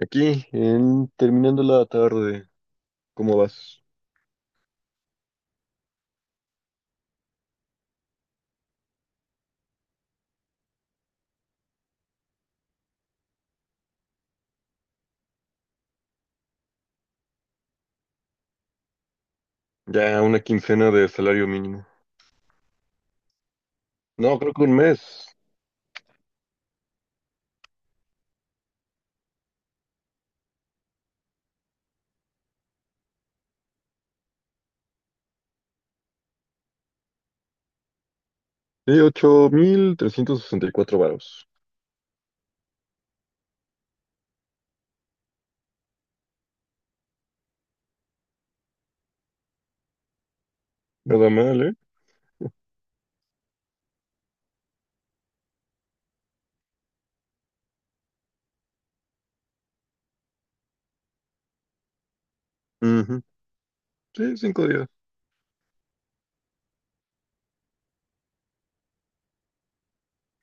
Aquí, en terminando la tarde, ¿cómo vas? Ya una quincena de salario mínimo. No, creo que un mes. Sí, 8,364 varos. Nada mal, ¿eh? Ujú. Sí, 5 días.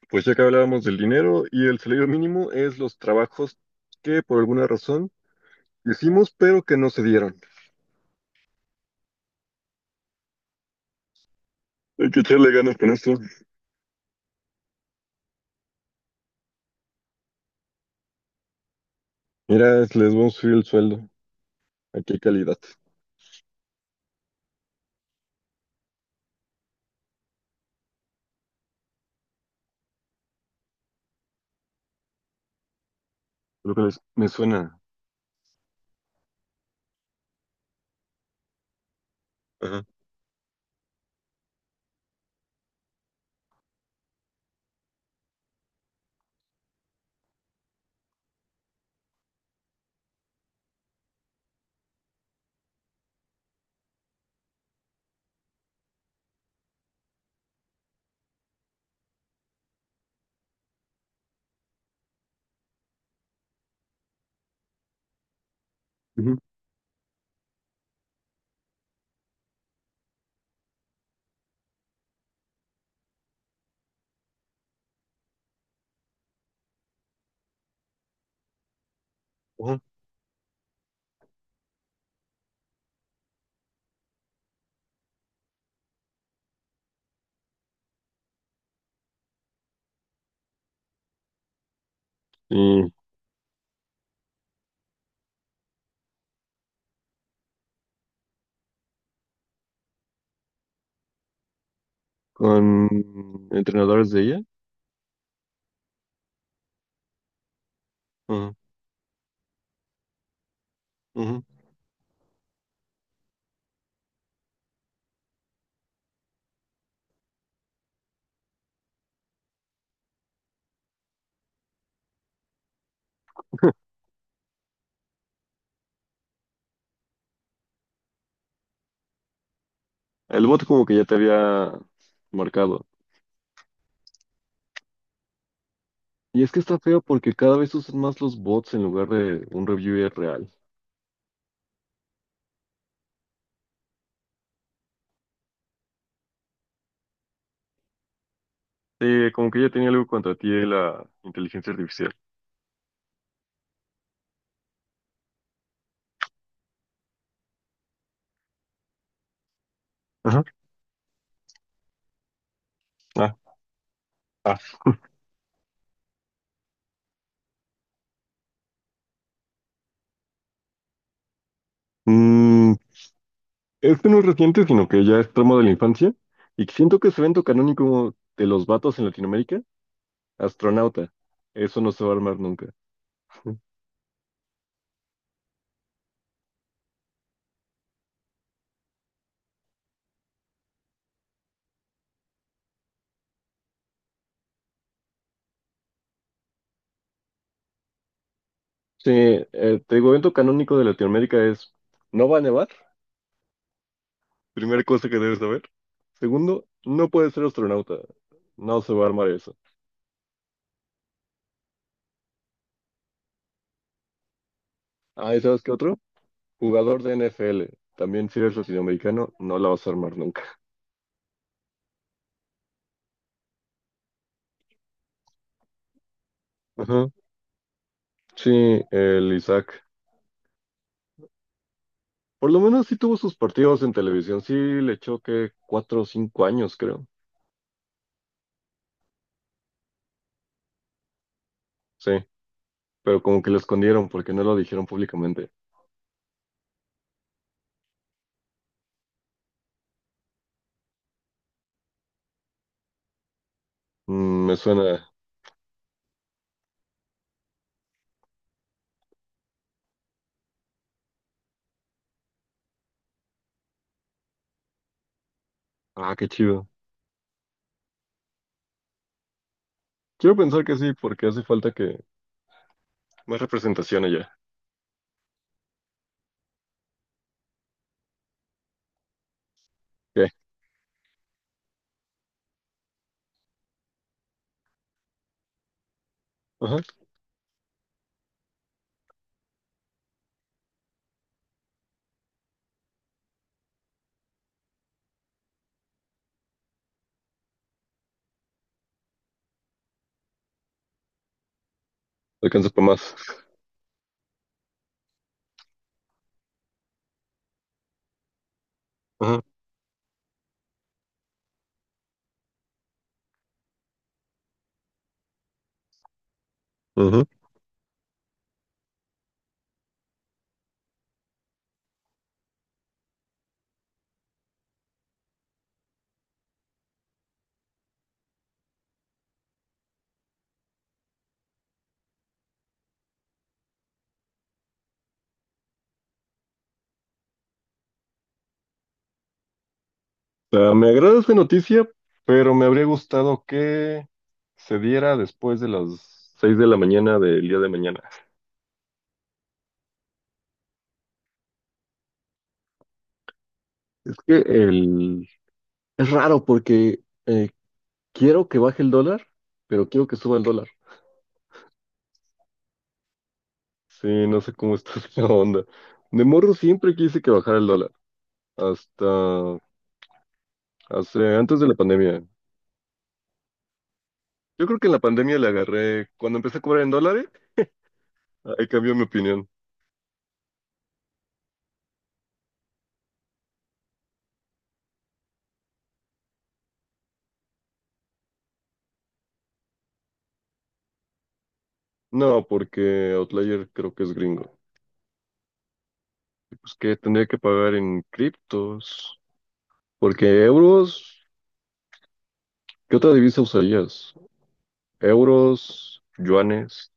Pues ya que hablábamos del dinero y el salario mínimo es los trabajos que por alguna razón hicimos pero que no se dieron. Hay que echarle ganas con esto. Mira, les vamos a subir el sueldo. ¿Aquí qué calidad? Creo que les, me suena. Ajá. Ujú. Ujú. Y con entrenadores de IA. Ujú, ujú. El bot como que ya te había marcado. Y es que está feo porque cada vez usan más los bots en lugar de un reviewer real. Sí, como que ya tenía algo contra ti de la inteligencia artificial. Ajá. Ah. Mm, este no es reciente, sino que ya es tramo de la infancia. Y siento que ese evento canónico de los vatos en Latinoamérica, astronauta. Eso no se va a armar nunca. Sí, te digo, evento canónico de Latinoamérica es, ¿no va a nevar? Primera cosa que debes saber. Segundo, no puedes ser astronauta. No se va a armar eso. Ah, ¿y sabes qué otro? Jugador de NFL. También si eres latinoamericano, no la vas a armar nunca. Ajá. Sí, el Isaac. Por lo menos sí tuvo sus partidos en televisión. Sí le echó que 4 o 5 años, creo. Sí, pero como que lo escondieron porque no lo dijeron públicamente. Me suena. Ah, qué chido. Quiero pensar que sí, porque hace falta que más representación allá. ¿Qué? Ajá. Alcanza para más. Ajá. Ujú. Sea, me agrada esta noticia, pero me habría gustado que se diera después de las 6 de la mañana del día de mañana. Es que el... es raro porque eh, quiero que baje el dólar, pero quiero que suba el dólar. Sí, no sé cómo está la onda. De morro siempre quise que bajara el dólar, hasta antes de la pandemia. Yo creo que en la pandemia le agarré, cuando empecé a cobrar en dólares, ahí cambió mi opinión. No, porque Outlier creo que es gringo. Pues que tendría que pagar en criptos, porque euros, ¿qué otra divisa usarías? Euros, yuanes.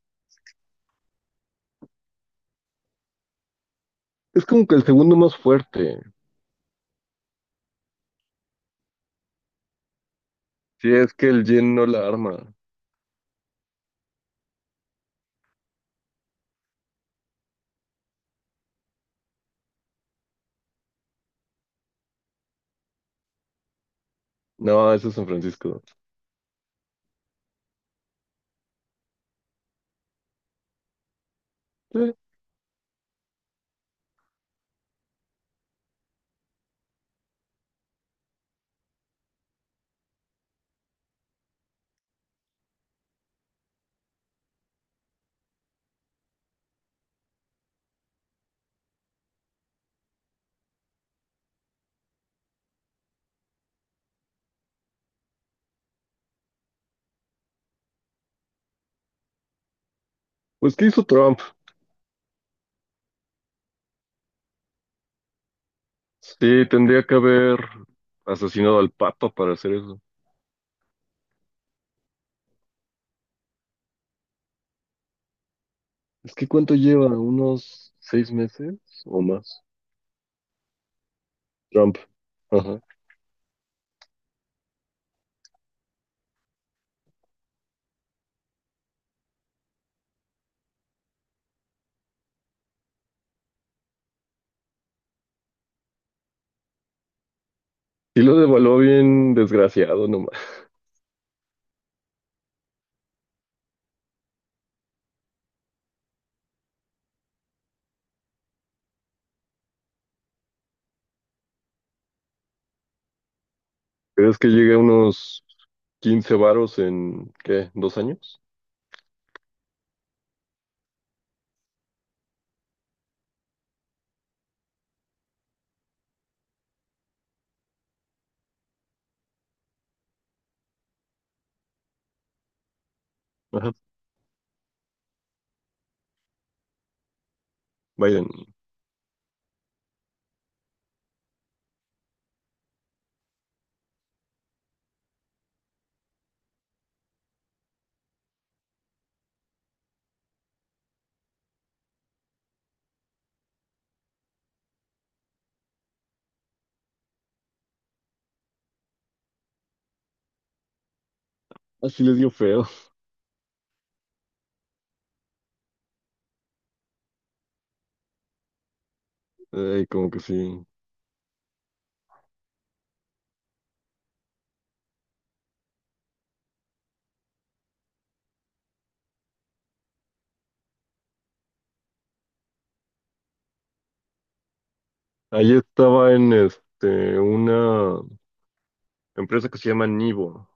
Es como que el segundo más fuerte. Si es que el yen no la arma. No, eso es San Francisco. Eh, pues ¿qué hizo Trump? Sí, tendría que haber asesinado al Papa para hacer eso. Es que ¿cuánto lleva? ¿Unos 6 meses o más? Trump. Ajá. Sí lo devaluó bien desgraciado nomás. Pero es que llegue a unos 15 varos en, ¿qué? ¿2 años? Ajá, Biden. Así les dio feo. Ay, como que sí. Ahí estaba en una empresa que se llama Nivo,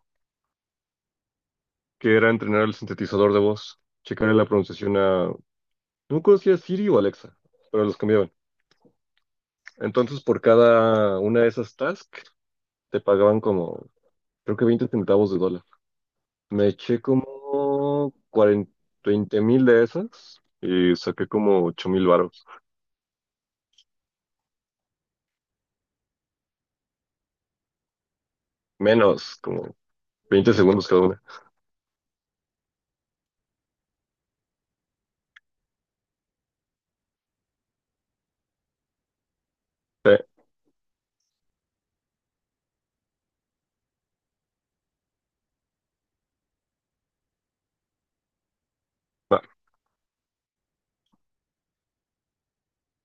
que era entrenar el sintetizador de voz, checarle la pronunciación a, no conocía Siri o Alexa, pero los cambiaban. Entonces, por cada una de esas tasks, te pagaban como, creo que 20 centavos de dólar. Me eché como 40 20,000 de esas y saqué como 8,000 varos. Menos, como 20 segundos cada una. Eh, no,